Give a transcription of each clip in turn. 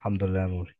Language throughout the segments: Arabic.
الحمد لله يا موري.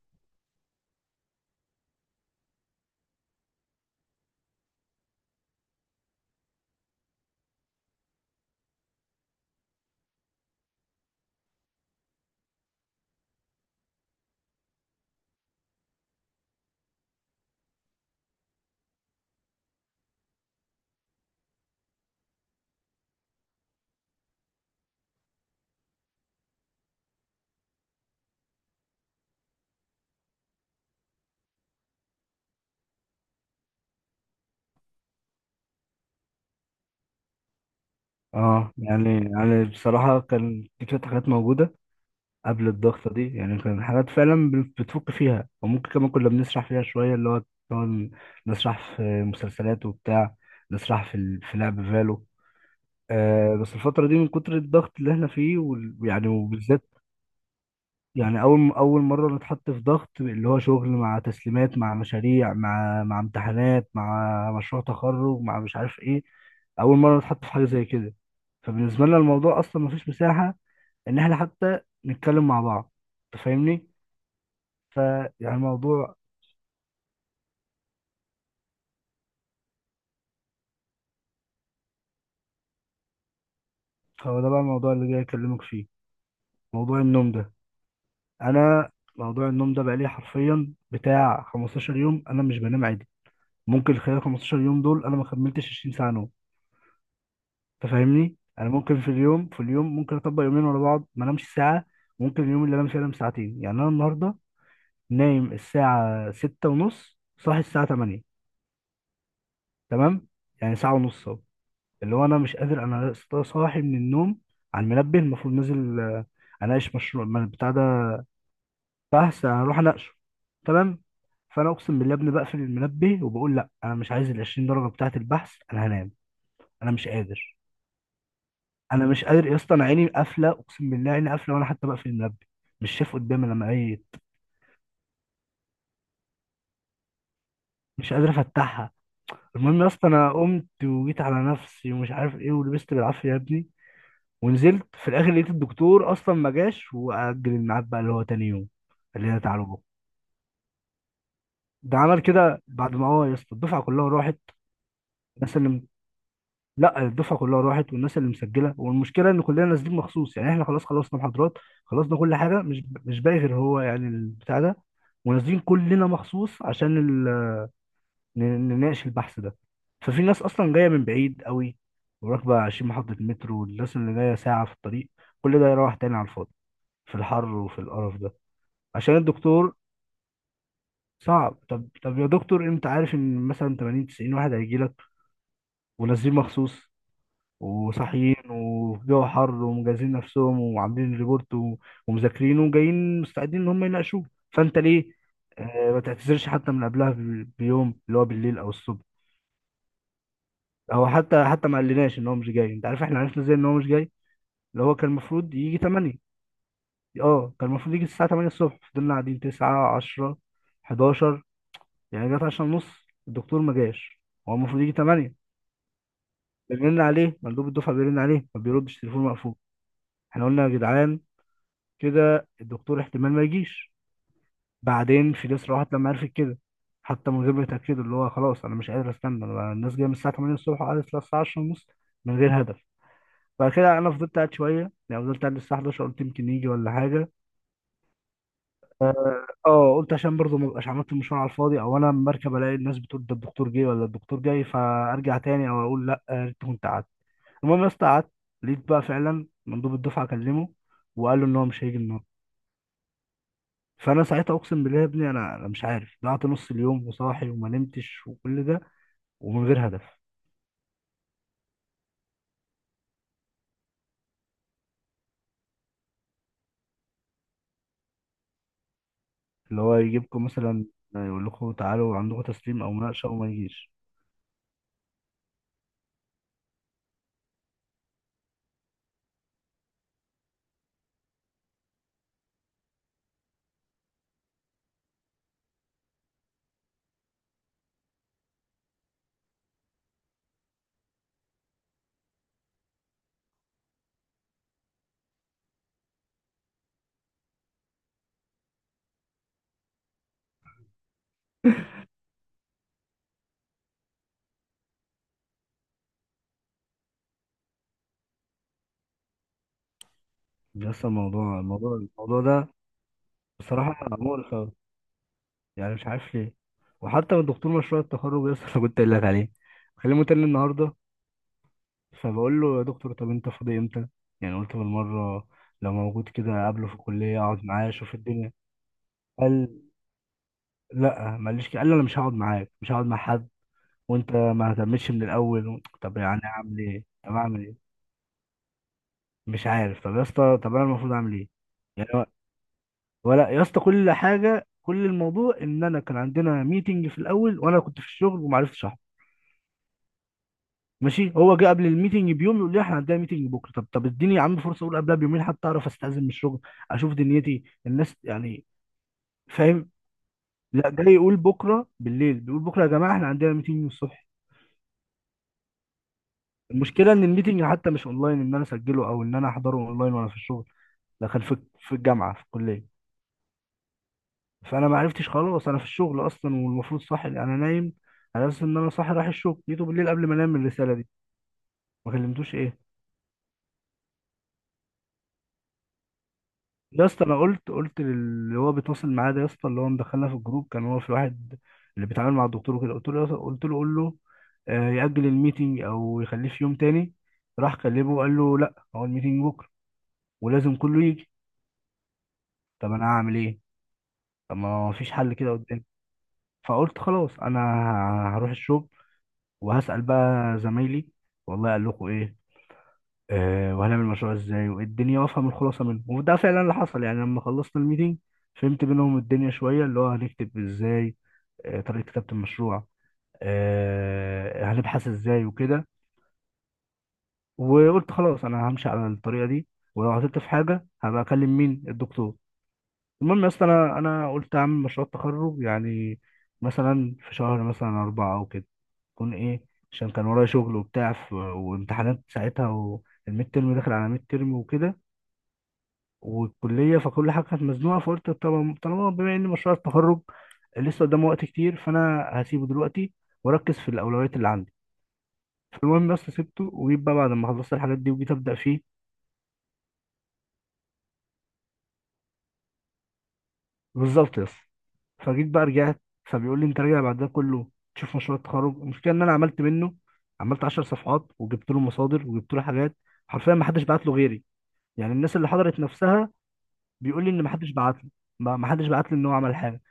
اه يعني بصراحة كان في شوية حاجات موجودة قبل الضغطة دي. يعني كان حاجات فعلا بتفك فيها، وممكن كمان كنا بنسرح فيها شوية، اللي هو كنا نسرح في مسلسلات وبتاع، نسرح في لعب فالو. آه، بس الفترة دي من كتر الضغط اللي احنا فيه، ويعني وبالذات يعني اول مره نتحط في ضغط، اللي هو شغل مع تسليمات مع مشاريع مع امتحانات مع مشروع تخرج مع مش عارف ايه. اول مره نتحط في حاجه زي كده. فبالنسبه لنا الموضوع اصلا مفيش مساحه ان احنا حتى نتكلم مع بعض، انت فاهمني؟ فيعني الموضوع، هو ده بقى الموضوع اللي جاي اكلمك فيه، موضوع النوم ده. انا موضوع النوم ده بقى لي حرفيا بتاع 15 يوم انا مش بنام عادي. ممكن خلال 15 يوم دول انا ما كملتش 20 ساعه نوم. تفهمني، انا ممكن في اليوم ممكن اطبق يومين ورا بعض ما انامش ساعه. ممكن اليوم اللي انام فيه انام ساعتين. يعني انا النهارده نايم الساعه ستة ونص، صاحي الساعه 8. تمام؟ يعني ساعه ونص اهو، اللي هو انا مش قادر. انا لسه صاحي من النوم على المنبه، المفروض نازل آه، اناقش مشروع ما بتاع ده، بحث هروح اناقشه. تمام. فانا اقسم بالله يا ابني بقفل المنبه وبقول لا، انا مش عايز ال 20 درجه بتاعه البحث، انا هنام. انا مش قادر. انا مش قادر يا اسطى. انا عيني قافله، اقسم بالله عيني قافله، وانا حتى بقفل المنبه مش شايف قدامي لما عيت. مش قادر افتحها. المهم يا اسطى انا قمت وجيت على نفسي ومش عارف ايه، ولبست بالعافيه يا ابني، ونزلت في الاخر لقيت الدكتور اصلا ما جاش، واجل الميعاد بقى اللي هو تاني يوم، اللي هي تعالوا بكره. ده عمل كده بعد ما، اه يا اسطى، الدفعه كلها راحت. انا سلمت. لا الدفعه كلها راحت، والناس اللي مسجله، والمشكله ان كلنا نازلين مخصوص. يعني احنا خلاص خلصنا محاضرات، خلصنا كل حاجه، مش باقي غير هو يعني البتاع ده. ونازلين كلنا مخصوص عشان ال... ن- نناقش البحث ده. ففي ناس اصلا جايه من بعيد قوي، وراكبه 20 محطه مترو، والناس اللي جايه ساعه في الطريق. كل ده يروح تاني على الفاضي، في الحر وفي القرف ده، عشان الدكتور. صعب. طب يا دكتور، انت عارف ان مثلا 80 90 واحد هيجي لك، ونازلين مخصوص وصاحيين وفي جو حر، ومجهزين نفسهم وعاملين ريبورت ومذاكرينه، وجايين مستعدين ان هم يناقشوه. فانت ليه آه، ما تعتذرش حتى من قبلها بيوم، اللي هو بالليل او الصبح؟ هو حتى ما قالناش ان هو مش جاي. انت عارف احنا عرفنا ازاي ان هو مش جاي؟ اللي هو كان المفروض يجي 8. اه كان المفروض يجي الساعه 8 الصبح. فضلنا قاعدين 9 10 11. يعني جت 10 ونص، الدكتور ما جاش. هو المفروض يجي 8. بنرن عليه، مندوب الدفعه بيرن عليه، ما بيردش، تليفون مقفول. احنا قلنا يا جدعان كده الدكتور احتمال ما يجيش. بعدين فيليس راحت لما عرفت كده، حتى من غير ما يتأكدوا، اللي هو خلاص انا مش قادر استنى. الناس جايه من الساعه 8 الصبح، وقعدت للساعه 10 ونص من غير هدف. بعد كده انا فضلت قاعد شويه، يعني فضلت قاعد للساعه 11، قلت يمكن يجي ولا حاجه. اه آه، قلت عشان برضه ما ابقاش عملت المشوار على الفاضي، او انا لما اركب الاقي الناس بتقول ده الدكتور جه ولا الدكتور جاي فارجع تاني، او اقول لا آه، يا ريت كنت قعدت. المهم يا اسطى قعدت، لقيت بقى فعلا مندوب الدفعه كلمه، وقال له ان هو مش هيجي النهارده. فانا ساعتها اقسم بالله يا ابني، انا مش عارف، ضيعت نص اليوم وصاحي وما نمتش وكل ده، ومن غير هدف. اللي هو يجيبكم مثلا، يقول لكم تعالوا عندكم تسليم او مناقشه وما يجيش. بس الموضوع ده بصراحه مقرف أوي. يعني مش عارف ليه. وحتى من دكتور مشروع التخرج لسه انا كنت قايل لك عليه بكلمه تاني النهارده. فبقول له يا دكتور، طب انت فاضي امتى؟ يعني قلت بالمره لو موجود كده قابله في الكليه اقعد معاه اشوف الدنيا. قال لا، ما قاليش كده. قال لي انا مش هقعد معاك، مش هقعد مع حد، وانت ما اهتمتش من الاول طب يعني اعمل ايه؟ طب اعمل ايه؟ مش عارف. طب يا اسطى، طب انا المفروض اعمل ايه؟ يعني ولا يا اسطى كل حاجه، كل الموضوع ان انا كان عندنا ميتنج في الاول وانا كنت في الشغل وما عرفتش احضر. ماشي، هو جه قبل الميتنج بيوم يقول لي احنا عندنا ميتنج بكره. طب اديني يا عم فرصه، اقول قبلها بيومين حتى اعرف استاذن من الشغل، اشوف دنيتي الناس يعني، فاهم؟ لا جاي يقول بكره بالليل، بيقول بكره يا جماعه احنا عندنا ميتنج الصبح. المشكله ان الميتنج حتى مش اونلاين ان انا اسجله او ان انا احضره اونلاين وانا في الشغل. ده كان في الجامعه في الكليه. فانا ما عرفتش، خلاص انا في الشغل اصلا، والمفروض صاحي انا نايم، على اساس ان انا صاحي رايح الشغل. جيته بالليل قبل ما انام الرساله دي. ما كلمتوش ايه؟ يا اسطى انا قلت للي هو بيتواصل معايا ده يا اسطى، اللي هو مدخلنا في الجروب كان هو في واحد اللي بيتعامل مع الدكتور وكده. قلت له يا قلت له قول له آه، يأجل الميتنج او يخليه في يوم تاني. راح كلمه، قال له لا هو الميتنج بكره ولازم كله يجي. طب انا هعمل ايه؟ طب ما فيش حل كده قدامي. فقلت خلاص، انا هروح الشغل وهسأل بقى زمايلي والله قال لكم ايه. آه وهنعمل المشروع ازاي وايه الدنيا، وافهم الخلاصه منه، وده فعلا اللي حصل. يعني لما خلصنا الميتنج فهمت منهم الدنيا شويه، اللي هو هنكتب ازاي، آه طريقه كتابه المشروع، آه هنبحث ازاي وكده. وقلت خلاص انا همشي على الطريقه دي، ولو عطلت في حاجه هبقى اكلم مين الدكتور. المهم يا اسطى انا قلت اعمل مشروع التخرج يعني مثلا في شهر مثلا اربعه او كده يكون ايه، عشان كان ورايا شغل وبتاع وامتحانات ساعتها، والميد ترم داخل على ميد ترم وكده، والكليه، فكل حاجه كانت مزنوقه. فقلت طبعا طالما بما ان مشروع التخرج لسه قدامه وقت كتير، فانا هسيبه دلوقتي واركز في الاولويات اللي عندي. فالمهم بس سبته، وجيت بقى بعد ما خلصت الحاجات دي وجيت ابدا فيه. بالظبط بس. فجيت بقى رجعت، فبيقول لي انت راجع بعد ده كله تشوف مشروع التخرج؟ المشكله ان انا عملت منه، عملت 10 صفحات وجبت له مصادر وجبت له حاجات. حرفيا ما حدش بعت له غيري، يعني الناس اللي حضرت نفسها بيقول لي ان ما حدش بعت له. ما حدش بعت لي ان هو عمل حاجه.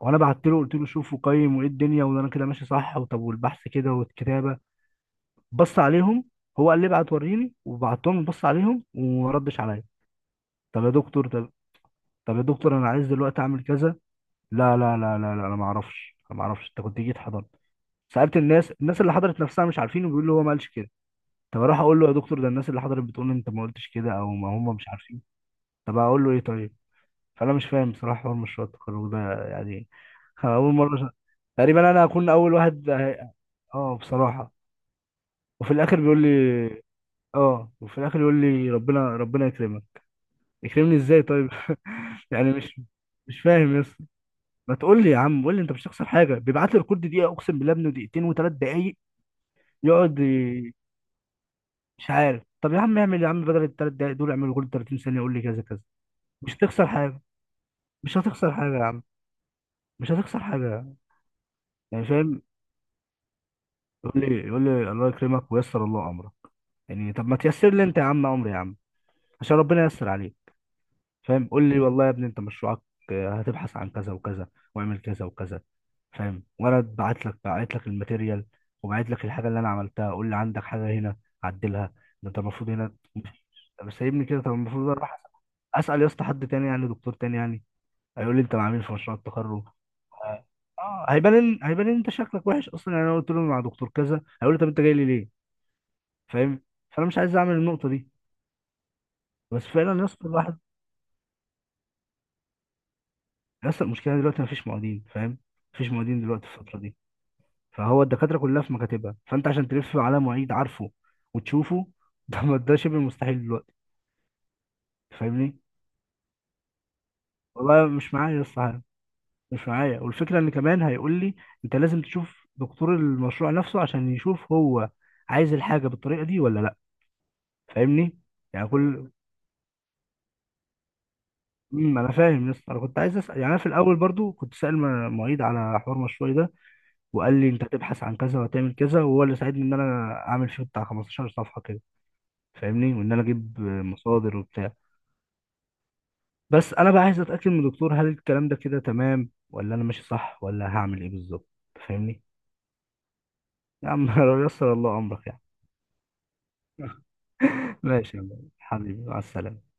وانا بعت له، قلت له شوف وقيم وايه الدنيا، وانا كده ماشي صح، وطب والبحث كده والكتابه، بص عليهم. هو قال لي ابعت وريني، وبعتهم بص عليهم وما ردش عليا. طب يا دكتور، طب، طب يا دكتور انا عايز دلوقتي اعمل كذا. لا لا لا لا لا، انا ما اعرفش، انا ما اعرفش انت كنت جيت حضرت. سألت الناس، الناس اللي حضرت نفسها مش عارفين، وبيقولوا هو ما قالش كده. طب اروح اقول له يا دكتور ده الناس اللي حضرت بتقول انت ما قلتش كده، او ما هم مش عارفين. طب اقول له ايه طيب؟ فانا مش فاهم بصراحه حوار مشروع التخرج ده يعني. اول مره تقريبا انا هكون اول واحد اه بصراحه. وفي الاخر بيقول لي، اه وفي الاخر يقول لي ربنا ربنا يكرمك. يكرمني ازاي طيب؟ يعني مش فاهم يا اسطى. ما تقول لي يا عم، قول لي انت مش هتخسر حاجه، بيبعت لي الكود دقيقه اقسم بالله ابنه دقيقتين وثلاث دقايق يقعد. مش عارف. طب يا عم اعمل يا عم بدل الثلاث دقايق دول اعمل جول 30 ثانية، قول لي كذا كذا. مش هتخسر حاجة، مش هتخسر حاجة يا عم، مش هتخسر حاجة. يعني فاهم. يقول لي الله يكرمك ويسر الله امرك. يعني طب ما تيسر لي انت يا عم امري يا عم، عشان ربنا ييسر عليك. فاهم؟ قول لي والله يا ابني انت مشروعك آه، هتبحث عن كذا وكذا، واعمل كذا وكذا، فاهم؟ وانا بعت لك الماتيريال، وبعت لك الحاجه اللي انا عملتها، قول لي عندك حاجه هنا، عدلها. ده انت المفروض هنا. طب سايبني كده؟ طب المفروض اروح اسال يا اسطى حد تاني، يعني دكتور تاني، يعني هيقول لي انت ما عامل في مشروع التخرج؟ اه آه، هيبان. هيبان ان انت شكلك وحش اصلا. يعني انا قلت له مع دكتور كذا، هيقول لي طب انت جاي لي ليه؟ فاهم؟ فانا مش عايز اعمل النقطه دي. بس فعلا يا اسطى الواحد، يا اسطى المشكله دلوقتي ما فيش معيدين، فاهم؟ مفيش معيدين دلوقتي في الفتره دي. فهو الدكاترة كلها في مكاتبها، فأنت عشان تلف على معيد عارفه وتشوفه ده ده شبه مستحيل دلوقتي. فاهمني؟ والله مش معايا لسه حاجة، مش معايا. والفكرة إن كمان هيقول لي أنت لازم تشوف دكتور المشروع نفسه عشان يشوف هو عايز الحاجة بالطريقة دي ولا لأ. فاهمني؟ يعني كل انا فاهم يا اسطى. انا كنت عايز اسال، يعني انا في الاول برضو كنت سائل معيد على حوار مشروعي ده. وقال لي انت هتبحث عن كذا وهتعمل كذا، وهو اللي ساعدني ان انا اعمل فيه بتاع 15 صفحه كده. فاهمني؟ وان انا اجيب مصادر وبتاع. بس انا بقى عايز اتاكد من الدكتور، هل الكلام ده كده تمام ولا انا ماشي صح ولا هعمل ايه بالظبط؟ فاهمني؟ يا عم لو يسر الله امرك يعني. ماشي يا عم. حبيبي مع السلامه.